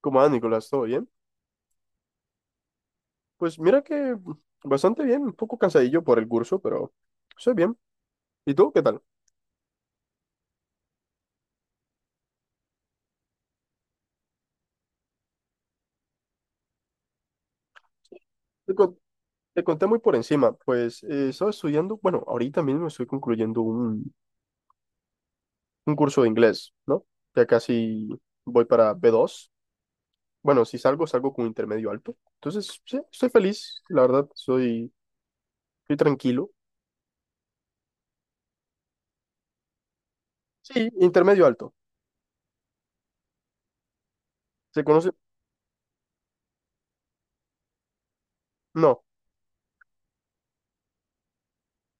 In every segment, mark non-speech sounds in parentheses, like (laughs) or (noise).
¿Cómo va, Nicolás? ¿Todo bien? Pues mira que bastante bien, un poco cansadillo por el curso, pero estoy bien. ¿Y tú qué tal? Te, con- Te conté muy por encima, pues estaba estudiando, bueno, ahorita mismo estoy concluyendo un curso de inglés, ¿no? Ya casi voy para b dos. Bueno, si salgo, salgo con intermedio alto. Entonces, sí, estoy feliz, la verdad, estoy tranquilo. Sí, intermedio alto. ¿Se conoce? No,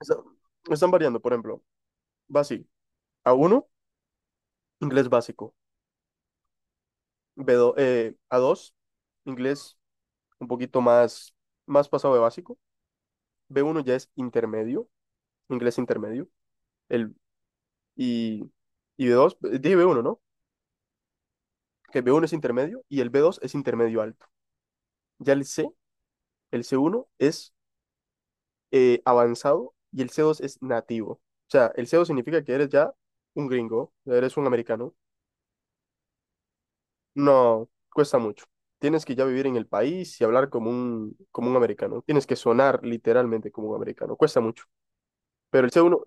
está- Están variando, por ejemplo, va así, a uno, inglés básico. B dos, a dos, inglés un poquito más, más pasado de básico. B uno ya es intermedio, inglés intermedio. El, y, y b dos, dije b uno, ¿no? Que el b uno es intermedio y el b dos es intermedio alto. Ya el c uno es avanzado y el c dos es nativo. O sea, el c dos significa que eres ya un gringo, eres un americano. No, cuesta mucho. Tienes que ya vivir en el país y hablar como un americano. Tienes que sonar literalmente como un americano. Cuesta mucho. Pero el C1,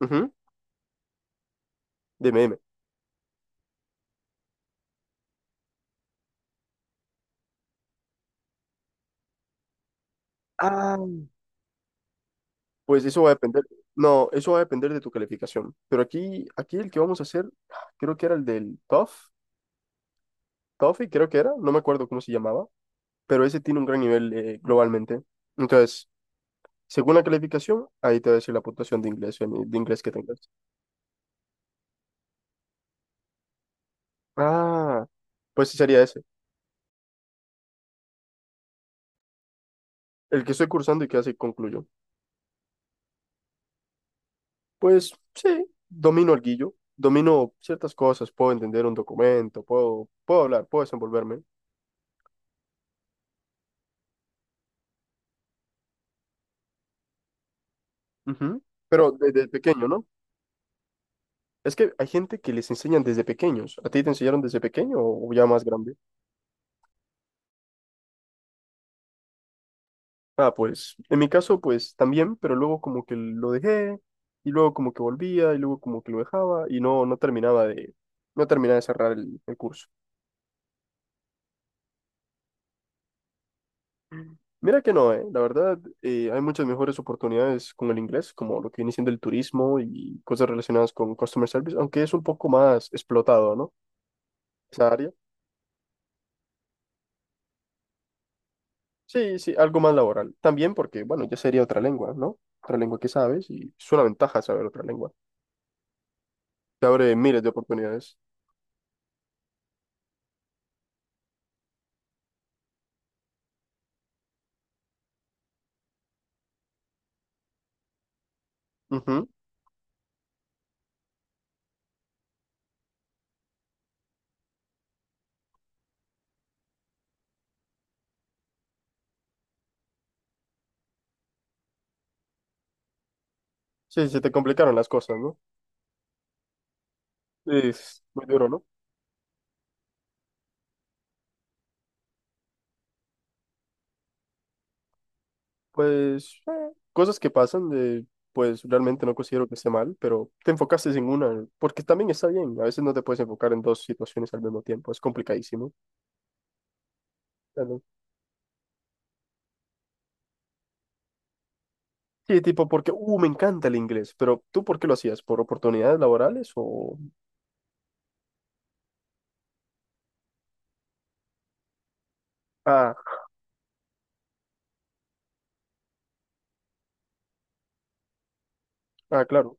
ujú, dime, dime. Ah, Pues eso va a depender. No, eso va a depender de tu calificación. Pero aquí el que vamos a hacer, creo que era el del Toefl. TOEFL creo que era, no me acuerdo cómo se llamaba, pero ese tiene un gran nivel globalmente. Entonces, según la calificación, ahí te va a decir la puntuación de inglés, de inglés que tengas. Ah, pues sí sería ese, el que estoy cursando y que así concluyo. Pues sí, domino el guillo, domino ciertas cosas, puedo entender un documento, puedo hablar, puedo desenvolverme. Ujú. Pero desde pequeño, ¿no? Es que hay gente que les enseñan desde pequeños. ¿A ti te enseñaron desde pequeño o ya más grande? Ah, pues en mi caso, pues también, pero luego como que lo dejé y luego como que volvía y luego como que lo dejaba y no terminaba no terminaba de cerrar el curso. Mira que no, ¿eh? La verdad, hay muchas mejores oportunidades con el inglés, como lo que viene siendo el turismo y cosas relacionadas con customer service, aunque es un poco más explotado, ¿no? Esa área. Sí, sí, algo más laboral. También porque, bueno, ya sería otra lengua, ¿no? Otra lengua que sabes y es una ventaja saber otra lengua. Te abre miles de oportunidades. Ujú. Sí, se te complicaron las cosas, ¿no? Es muy duro, ¿no? Pues cosas que pasan, de, pues realmente no considero que esté mal, pero te enfocaste en una, porque también está bien. A veces no te puedes enfocar en dos situaciones al mismo tiempo, es complicadísimo. Claro. Sí, tipo porque, me encanta el inglés, pero ¿tú por qué lo hacías? ¿Por oportunidades laborales o...? Ah, claro.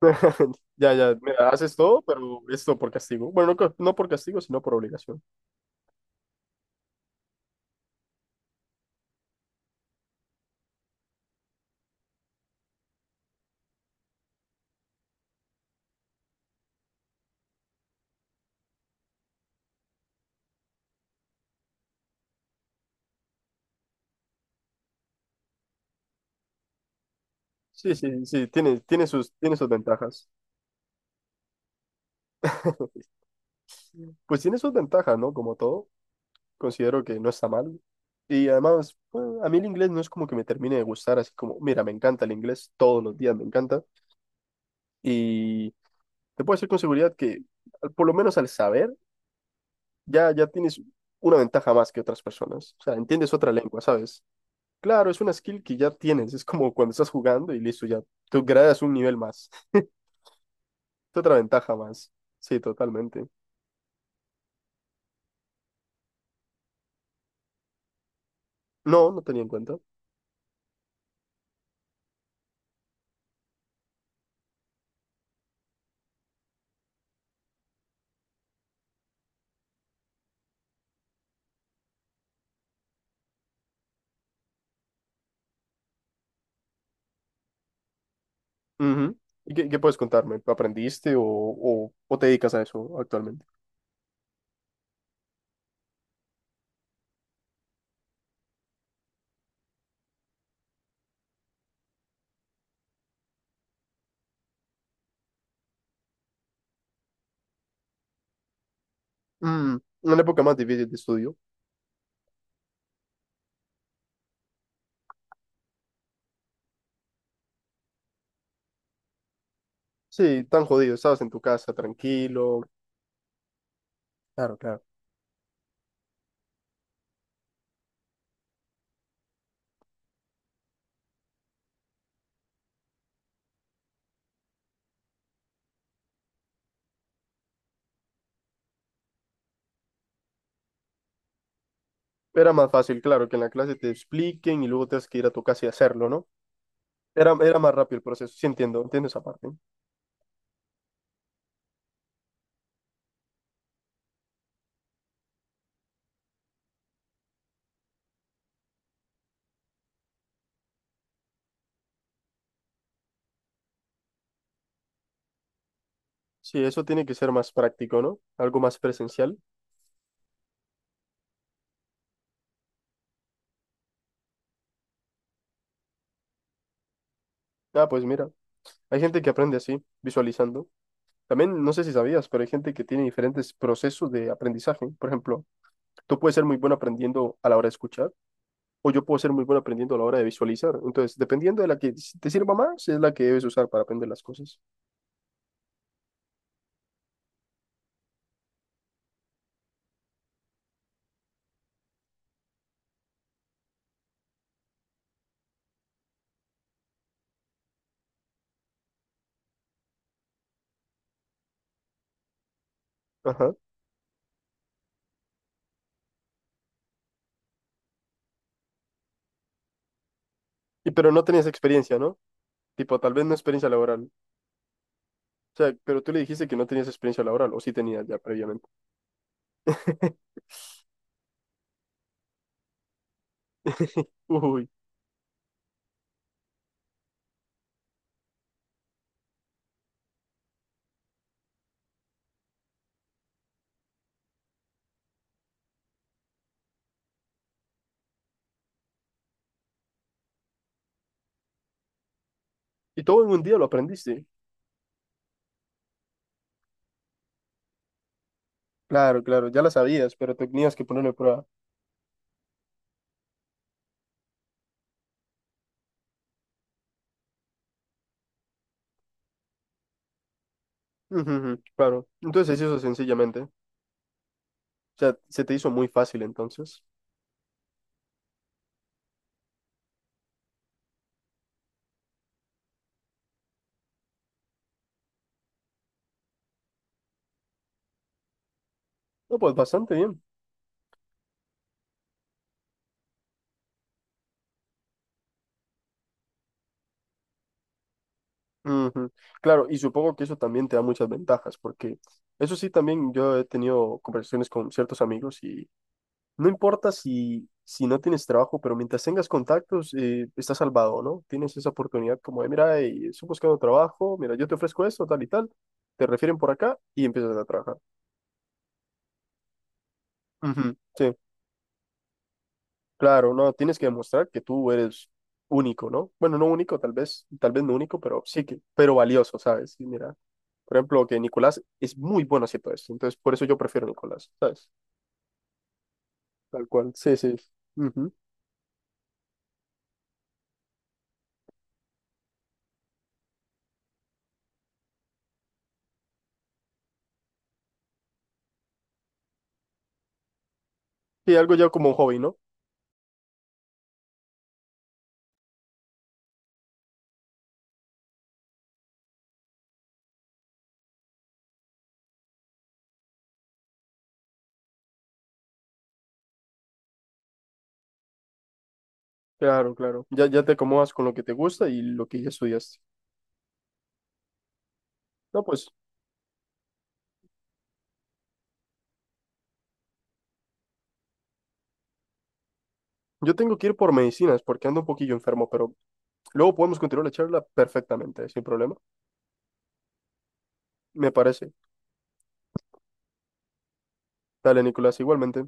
(laughs) Ya, mira, haces todo, pero esto por castigo. Bueno, no por castigo, sino por obligación. Sí, sí, sí, tiene sus ventajas. (laughs) Pues tiene sus ventajas, ¿no? Como todo, considero que no está mal. Y además, bueno, a mí el inglés no es como que me termine de gustar, así como, mira, me encanta el inglés, todos los días me encanta. Y te puedo decir con seguridad que, por lo menos al saber, ya tienes una ventaja más que otras personas. O sea, entiendes otra lengua, ¿sabes? Claro, es una skill que ya tienes, es como cuando estás jugando y listo, ya tú gradas un nivel más, (laughs) otra ventaja más. Sí, totalmente. No, no tenía en cuenta. Ujú. ¿Y qué puedes contarme? ¿Aprendiste o te dedicas a eso actualmente? Mm, una época más difícil de estudio. Sí, tan jodido, estabas en tu casa tranquilo. Claro, claro. Era más fácil, claro, que en la clase te expliquen y luego tengas que ir a tu casa y hacerlo, ¿no? Era más rápido el proceso, sí entiendo, entiendo esa parte. Sí, eso tiene que ser más práctico, ¿no? Algo más presencial. Ah, pues mira. Hay gente que aprende así, visualizando. También, no sé si sabías, pero hay gente que tiene diferentes procesos de aprendizaje. Por ejemplo, tú puedes ser muy bueno aprendiendo a la hora de escuchar, o yo puedo ser muy bueno aprendiendo a la hora de visualizar. Entonces, dependiendo de la que te sirva más, es la que debes usar para aprender las cosas. Ajá. Y pero no tenías experiencia, ¿no? Tipo, tal vez no experiencia laboral. O sea, pero tú le dijiste que no tenías experiencia laboral, o sí tenías ya previamente. (laughs) Uy. Y todo en un día lo aprendiste. Claro, claro, ya la sabías, pero tenías que ponerlo a prueba. Ujú, ujú, claro. Entonces eso sencillamente. O sea, se te hizo muy fácil entonces. No, pues bastante bien. Ujú, claro, y supongo que eso también te da muchas ventajas, porque eso sí, también yo he tenido conversaciones con ciertos amigos y no importa si no tienes trabajo, pero mientras tengas contactos, estás salvado, ¿no? Tienes esa oportunidad como de, mira, estoy buscando trabajo, mira, yo te ofrezco esto, tal y tal, te refieren por acá y empiezas a trabajar. Ujú, sí, claro, no, tienes que demostrar que tú eres único, ¿no? Bueno, no único, tal vez no único, pero sí que, pero valioso, ¿sabes? Y mira, por ejemplo, que Nicolás es muy bueno haciendo esto, entonces por eso yo prefiero a Nicolás, ¿sabes? Tal cual, sí, sí. Ujú. Y algo ya como un hobby, ¿no? Claro, claro. Ya te acomodas con lo que te gusta y lo que ya estudiaste. No, pues yo tengo que ir por medicinas porque ando un poquillo enfermo, pero luego podemos continuar la charla perfectamente, sin problema. Me parece. Dale, Nicolás, igualmente.